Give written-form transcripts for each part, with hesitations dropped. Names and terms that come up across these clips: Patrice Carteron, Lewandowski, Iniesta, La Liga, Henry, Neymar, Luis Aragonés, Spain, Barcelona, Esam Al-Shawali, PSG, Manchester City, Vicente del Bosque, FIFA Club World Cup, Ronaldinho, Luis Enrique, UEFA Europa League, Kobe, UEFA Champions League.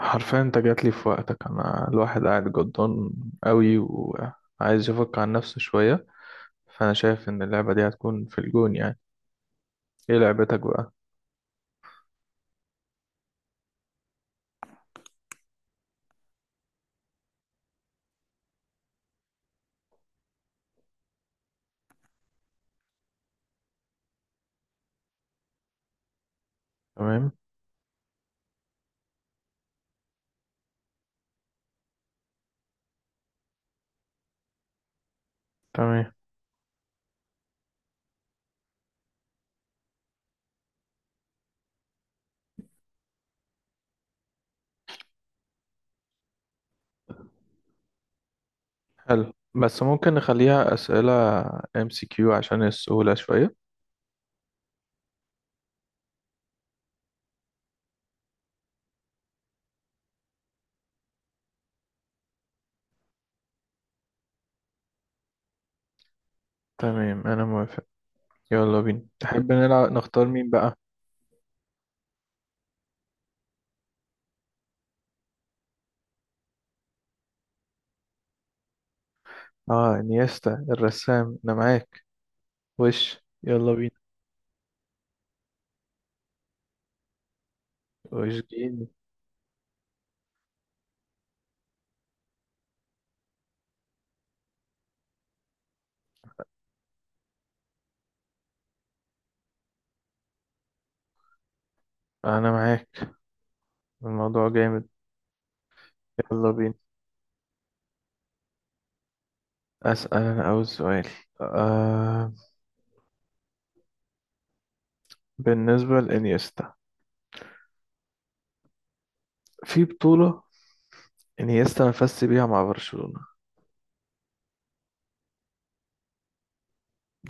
حرفيا انت جاتلي في وقتك. انا الواحد قاعد جدان قوي وعايز يفك عن نفسه شوية، فانا شايف ان اللعبة دي هتكون في الجون يعني. ايه لعبتك بقى؟ تمام، تمام. حلو، بس ممكن نخليها اسئلة ام سي كيو عشان السهولة شوية. تمام، انا موافق، يلا بينا. تحب نلعب نختار مين بقى؟ اه، انيستا الرسام، انا معاك. وش؟ يلا بينا. وش جيني؟ انا معاك، الموضوع جامد. يلا بينا. اسأل انا اول سؤال. آه بالنسبة لإنيستا، في بطولة إنيستا مفز بيها مع برشلونة؟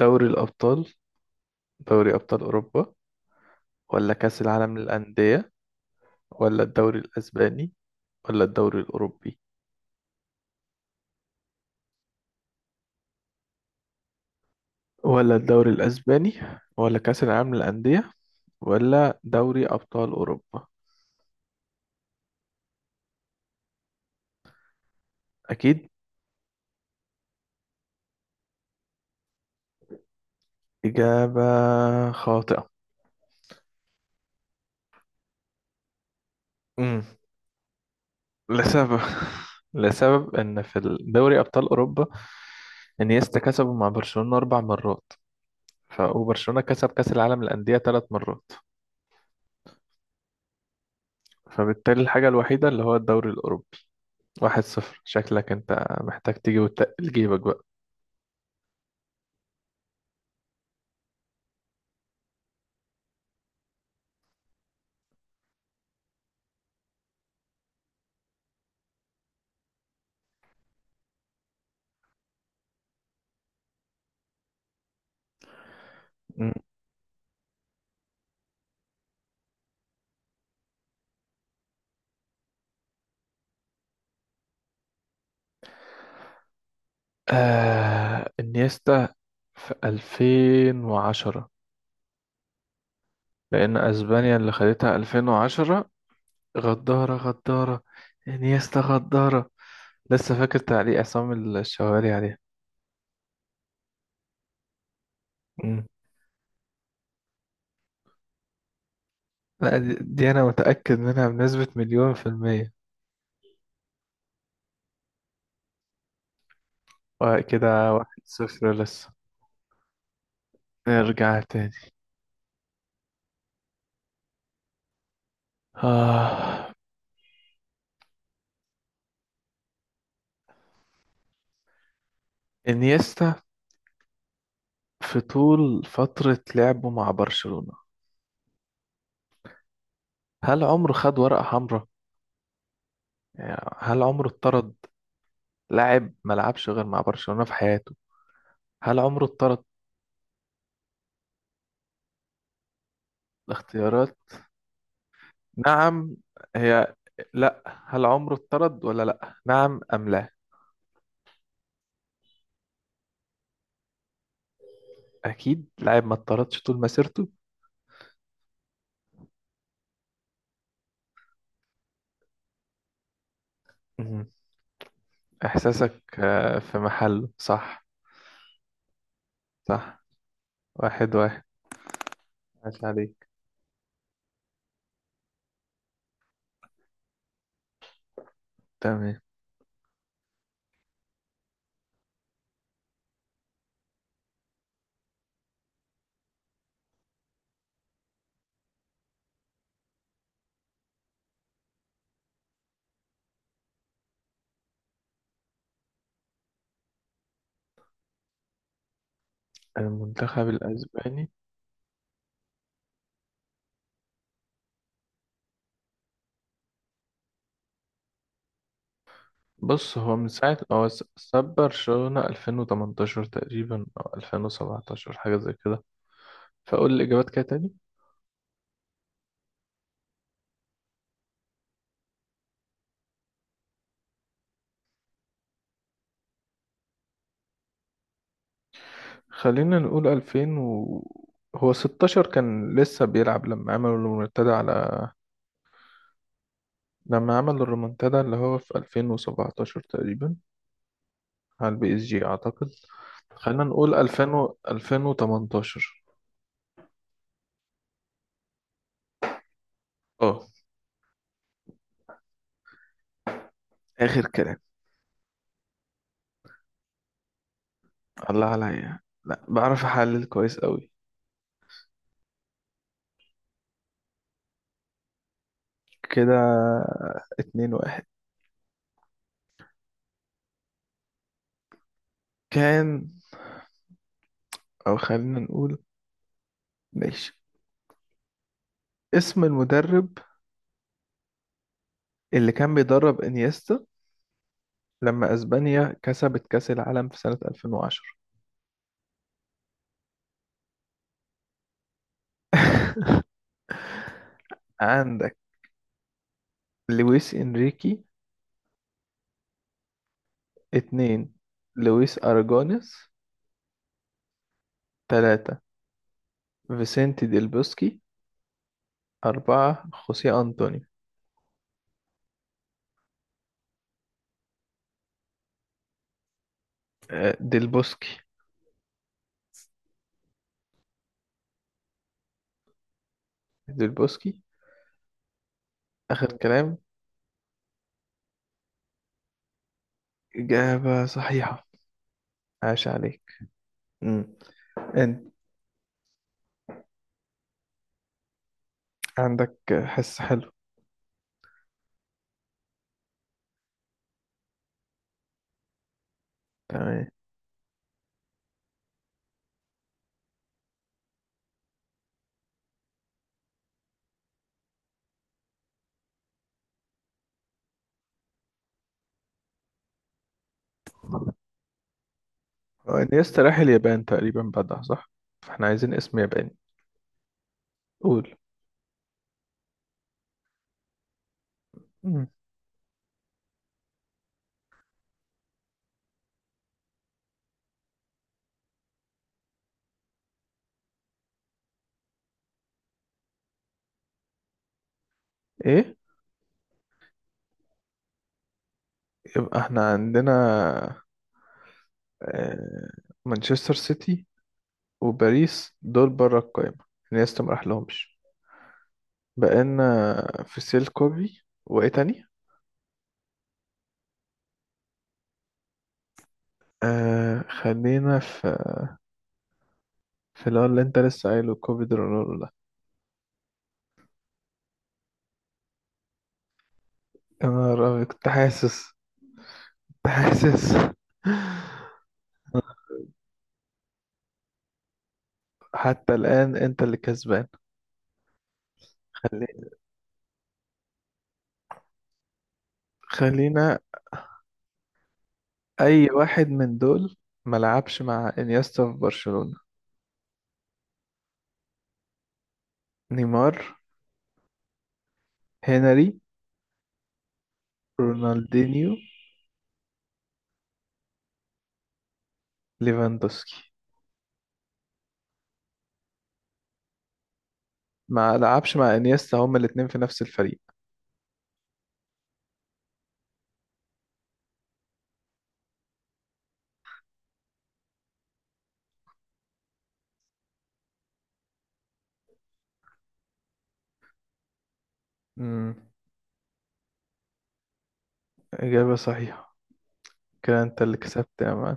دوري الأبطال، دوري أبطال أوروبا، ولا كأس العالم للأندية، ولا الدوري الأسباني، ولا الدوري الأوروبي، ولا الدوري الأسباني، ولا كأس العالم للأندية، ولا دوري أبطال أوروبا؟ أكيد. إجابة خاطئة. مم. لسبب لسبب إن في دوري أبطال أوروبا إنيستا كسبوا مع برشلونة أربع مرات، ف وبرشلونة كسب كأس العالم للأندية ثلاث مرات. فبالتالي الحاجة الوحيدة اللي هو الدوري الأوروبي. واحد صفر، شكلك أنت محتاج تيجي وتقل جيبك بقى. مم. آه، انيستا في 2010، لأن أسبانيا اللي خدتها 2010. غدارة غدارة، انيستا غدارة، لسه فاكر تعليق عصام الشوالي عليها. مم. لا، دي أنا متأكد منها بنسبة مليون في المية. وكده واحد صفر لسه. نرجع تاني. آه، انيستا في طول فترة لعبه مع برشلونة، هل عمره خد ورقة حمراء؟ يعني هل عمره اتطرد؟ لاعب ما لعبش غير مع برشلونة في حياته، هل عمره اتطرد؟ الاختيارات: نعم، هي، لا. هل عمره اتطرد ولا لا؟ نعم أم لا؟ أكيد لاعب ما اتطردش طول مسيرته. مهم. إحساسك في محله. صح؟ صح. واحد واحد، عاش عليك. تمام. المنتخب الأسباني؟ بص هو من ساعة هو ساب برشلونة 2018 تقريبا أو 2017، حاجة زي كده. فأقول الإجابات كده تاني. خلينا نقول هو 16 كان لسه بيلعب لما عمل الريمونتادا على، لما عمل الريمونتادا اللي هو في 2017 تقريبا على البي اس جي أعتقد. خلينا نقول 2018. اه، آخر كلام. الله عليا، لا بعرف أحلل كويس أوي كده. اتنين واحد كان. أو خلينا نقول، ماشي. اسم المدرب اللي كان بيدرب انيستا لما اسبانيا كسبت كأس العالم في سنة 2010؟ عندك لويس انريكي، اتنين لويس اراجونيس، تلاتة فيسنتي ديل بوسكي، أربعة خوسيه أنطونيو. ديل بوسكي. ديل بوسكي، آخر كلام. إجابة صحيحة، عاش عليك. مم. أنت عندك حس حلو. تمام. هو انيستا راح اليابان تقريبا بعدها صح؟ فاحنا عايزين اسم ياباني. قول. مم. ايه؟ يبقى احنا عندنا، آه، مانشستر سيتي وباريس دول بره القايمة، انيستا ما راحلهمش. بقينا في سيل كوبي، وايه تاني؟ آه، خلينا في، في اللي هو اللي انت لسه قايله كوبي درونولو ده. يا نهار أبيض، كنت حاسس، كنت حاسس. حتى الآن انت اللي كسبان. خلي... خلينا، اي واحد من دول ملعبش مع انيستا في برشلونة؟ نيمار، هنري، رونالدينيو، ليفاندوسكي. ما لعبش مع انيستا، هما الاتنين في نفس الفريق. امم إجابة صحيحة. كده انت اللي كسبت يا مان.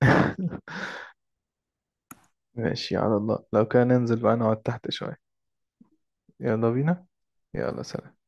ماشي، على الله لو كان ننزل بقى نقعد تحت شوية. يلا بينا. يلا، سلام.